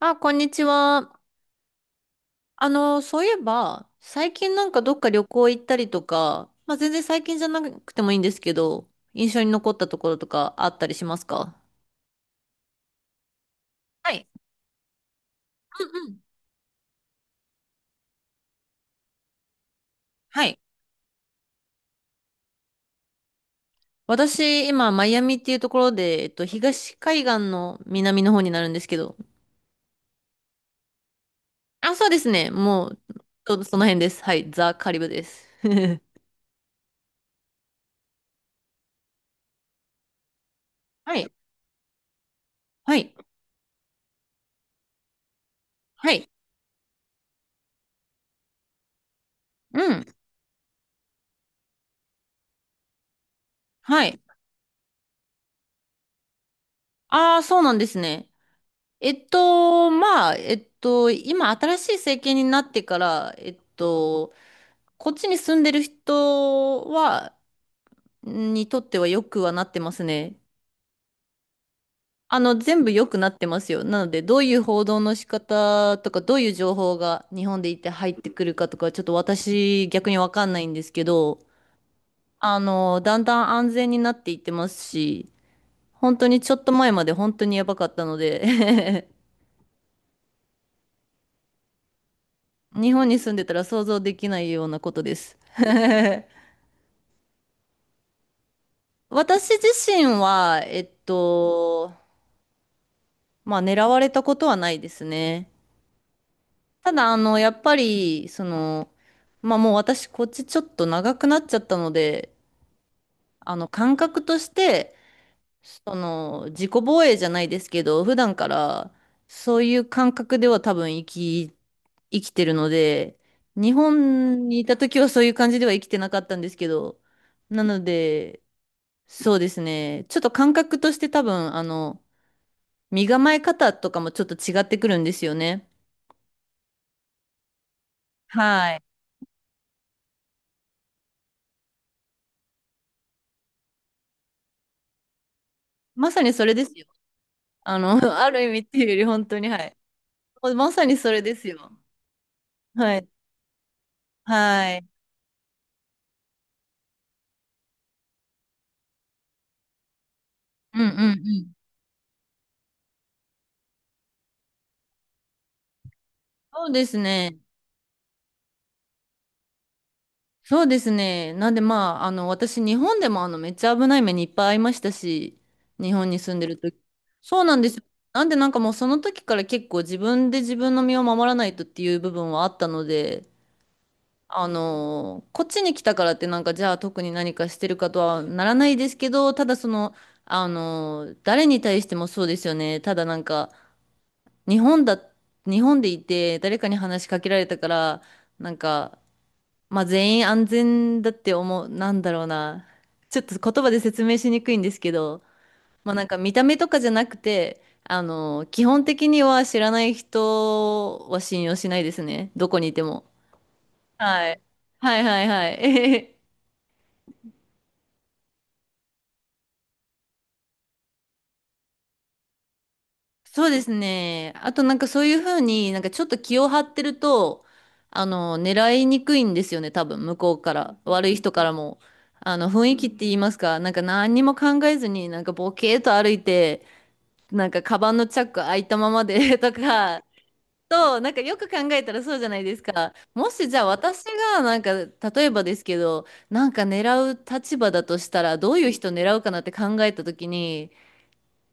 あ、こんにちは。そういえば、最近どっか旅行行ったりとか、まあ、全然最近じゃなくてもいいんですけど、印象に残ったところとかあったりしますか？はい。うんうん。はい。私、今、マイアミっていうところで、東海岸の南の方になるんですけど、あ、そうですね。もう、ちょうどその辺です。はい。ザ・カリブです。はい。はい。はい。うん。はい。ああ、そうなんですね。今新しい政権になってから、こっちに住んでる人は、にとっては良くはなってますね。あの、全部良くなってますよ。なので、どういう報道の仕方とか、どういう情報が日本でいて入ってくるかとか、ちょっと私逆にわかんないんですけど、あの、だんだん安全になっていってますし、本当にちょっと前まで本当にやばかったので。 日本に住んでたら想像できないようなことです。私自身は、まあ狙われたことはないですね。ただ、あの、やっぱり、その、まあもう私こっちちょっと長くなっちゃったので、あの、感覚として、その、自己防衛じゃないですけど、普段からそういう感覚では多分生き、生きてるので、日本にいた時はそういう感じでは生きてなかったんですけど、なので、そうですね。ちょっと感覚として多分、あの、身構え方とかもちょっと違ってくるんですよね。はい。まさにそれですよ。あの、ある意味っていうより本当に、はい。まさにそれですよ。はい。はい。うんうんうん。そうですね。そうですね。なんでまあ、あの、私、日本でもあの、めっちゃ危ない目にいっぱい遭いましたし、日本に住んでる時。そうなんですよ。なんでなんかもうその時から結構自分で自分の身を守らないとっていう部分はあったので、あのーこっちに来たからってなんかじゃあ特に何かしてるかとはならないですけど、ただその、あのー誰に対してもそうですよね。ただなんか、日本だ、日本でいて誰かに話しかけられたから、なんか、まあ全員安全だって思う、なんだろうな。ちょっと言葉で説明しにくいんですけど、まあなんか見た目とかじゃなくて、あのー基本的には知らない人は信用しないですね。どこにいても。はい。はいはいはい。そうですね。あとなんかそういうふうになんかちょっと気を張ってると、あの、狙いにくいんですよね、多分向こうから。悪い人からも。あの、雰囲気って言いますか、なんか何にも考えずになんかボケーと歩いて、なんかカバンのチャック開いたままで とか、と、なんかよく考えたらそうじゃないですか。もしじゃあ私がなんか、例えばですけど、なんか狙う立場だとしたら、どういう人狙うかなって考えた時に、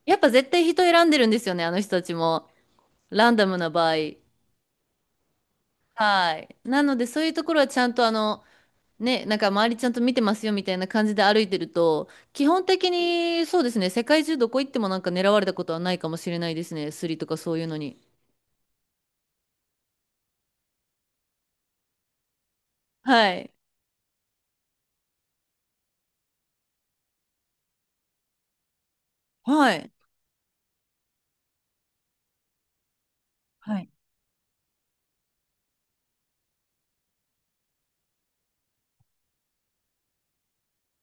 やっぱ絶対人選んでるんですよね、あの人たちも。ランダムな場合。はい。なので、そういうところはちゃんとあの、ね、なんか周りちゃんと見てますよみたいな感じで歩いてると、基本的にそうですね、世界中どこ行ってもなんか狙われたことはないかもしれないですね、スリとかそういうのに。はい。はい。はい。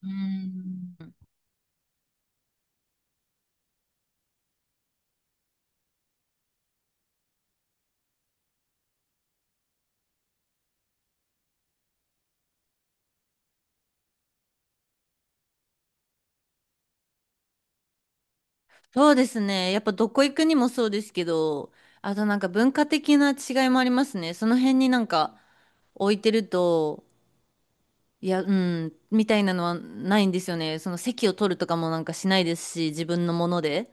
うーん。そうですね。やっぱどこ行くにもそうですけど、あとなんか文化的な違いもありますね。その辺になんか置いてると、いや、うん、みたいなのはないんですよね。その席を取るとかもなんかしないですし、自分のもので。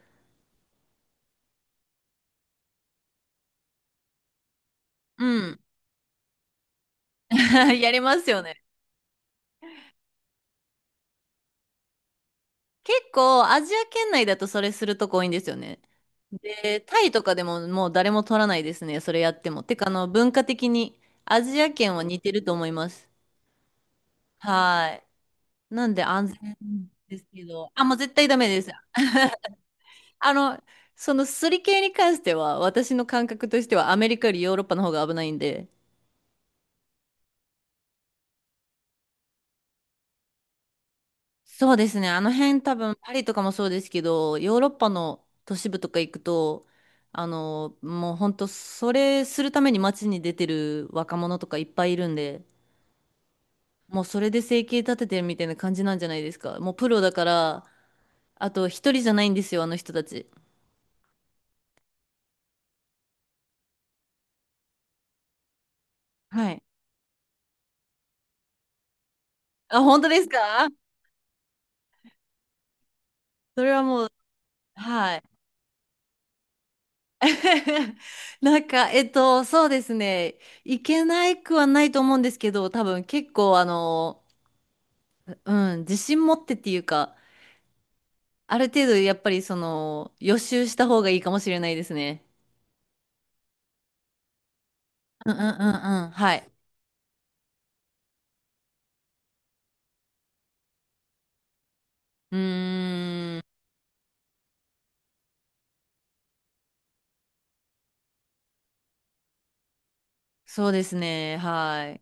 うん。やりますよね。結構、アジア圏内だとそれするとこ多いんですよね。で、タイとかでももう誰も取らないですね、それやっても。てか、あの、文化的にアジア圏は似てると思います。はい。なんで安全ですけど、あ、もう絶対ダメです。あの、そのすり系に関しては、私の感覚としてはアメリカよりヨーロッパの方が危ないんで、そうですね。あの辺多分パリとかもそうですけど、ヨーロッパの都市部とか行くと、あの、もう本当それするために街に出てる若者とかいっぱいいるんで、もうそれで生計立ててるみたいな感じなんじゃないですか。もうプロだから、あと一人じゃないんですよ、あの人たち。はい。あ、本当ですか？ それはもう、はい。なんか、そうですね。いけないくはないと思うんですけど、多分結構あの、うん、自信持ってっていうか、ある程度やっぱりその、予習した方がいいかもしれないですね。うんうんうんうん。はい。うーん、そうですね。はい。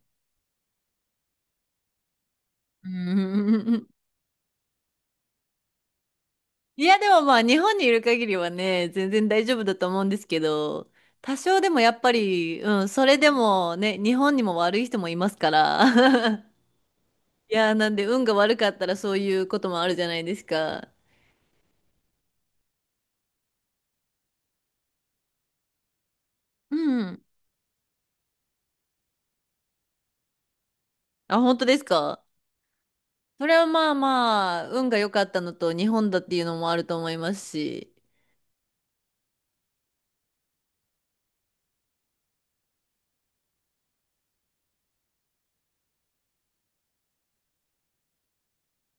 うーん。いや、でもまあ、日本にいる限りはね、全然大丈夫だと思うんですけど、多少でもやっぱり、うん、それでもね、日本にも悪い人もいますから。いや、なんで運が悪かったらそういうこともあるじゃないですか。うん。あ、本当ですか？それはまあまあ、運が良かったのと、日本だっていうのもあると思いますし。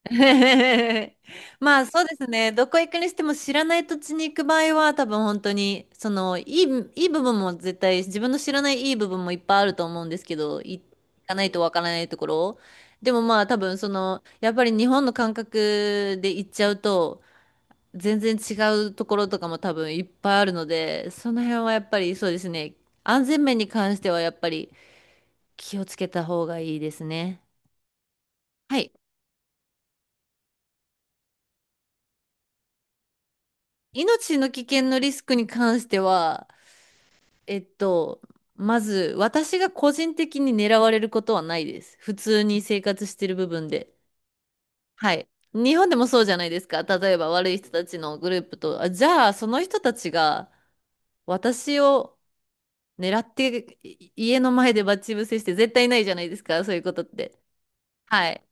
まあそうですね。どこ行くにしても知らない土地に行く場合は、多分本当に、その、いい、いい部分も絶対、自分の知らないいい部分もいっぱいあると思うんですけど、行かないとわからないところ。でもまあ多分その、やっぱり日本の感覚で行っちゃうと、全然違うところとかも多分いっぱいあるので、その辺はやっぱりそうですね。安全面に関してはやっぱり、気をつけた方がいいですね。はい。命の危険のリスクに関しては、えっと、まず私が個人的に狙われることはないです。普通に生活してる部分で。はい。日本でもそうじゃないですか。例えば悪い人たちのグループと、あ、じゃあその人たちが私を狙ってい家の前で待ち伏せして絶対ないじゃないですか。そういうことって。はい。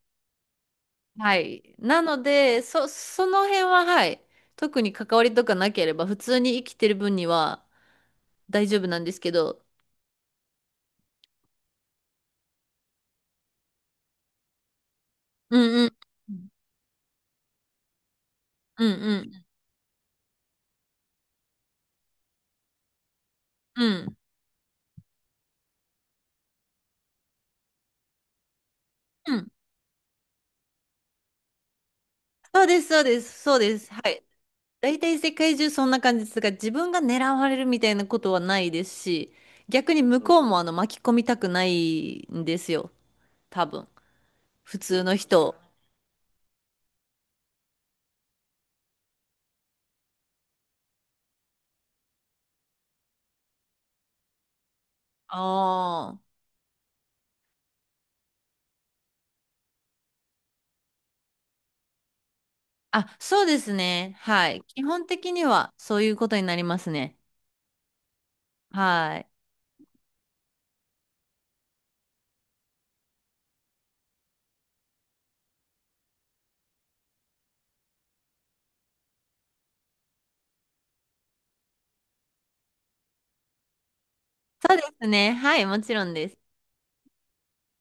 はい。なので、そ、その辺は、はい。特に関わりとかなければ、普通に生きてる分には大丈夫なんですけど。うんうん。うんうん。うんうん。そうです、そうです、そうです。はい。大体世界中そんな感じですが、自分が狙われるみたいなことはないですし、逆に向こうもあの巻き込みたくないんですよ。多分。普通の人を。ああ。あ、そうですね。はい。基本的にはそういうことになりますね。はい。そうですね。はい、もちろんです。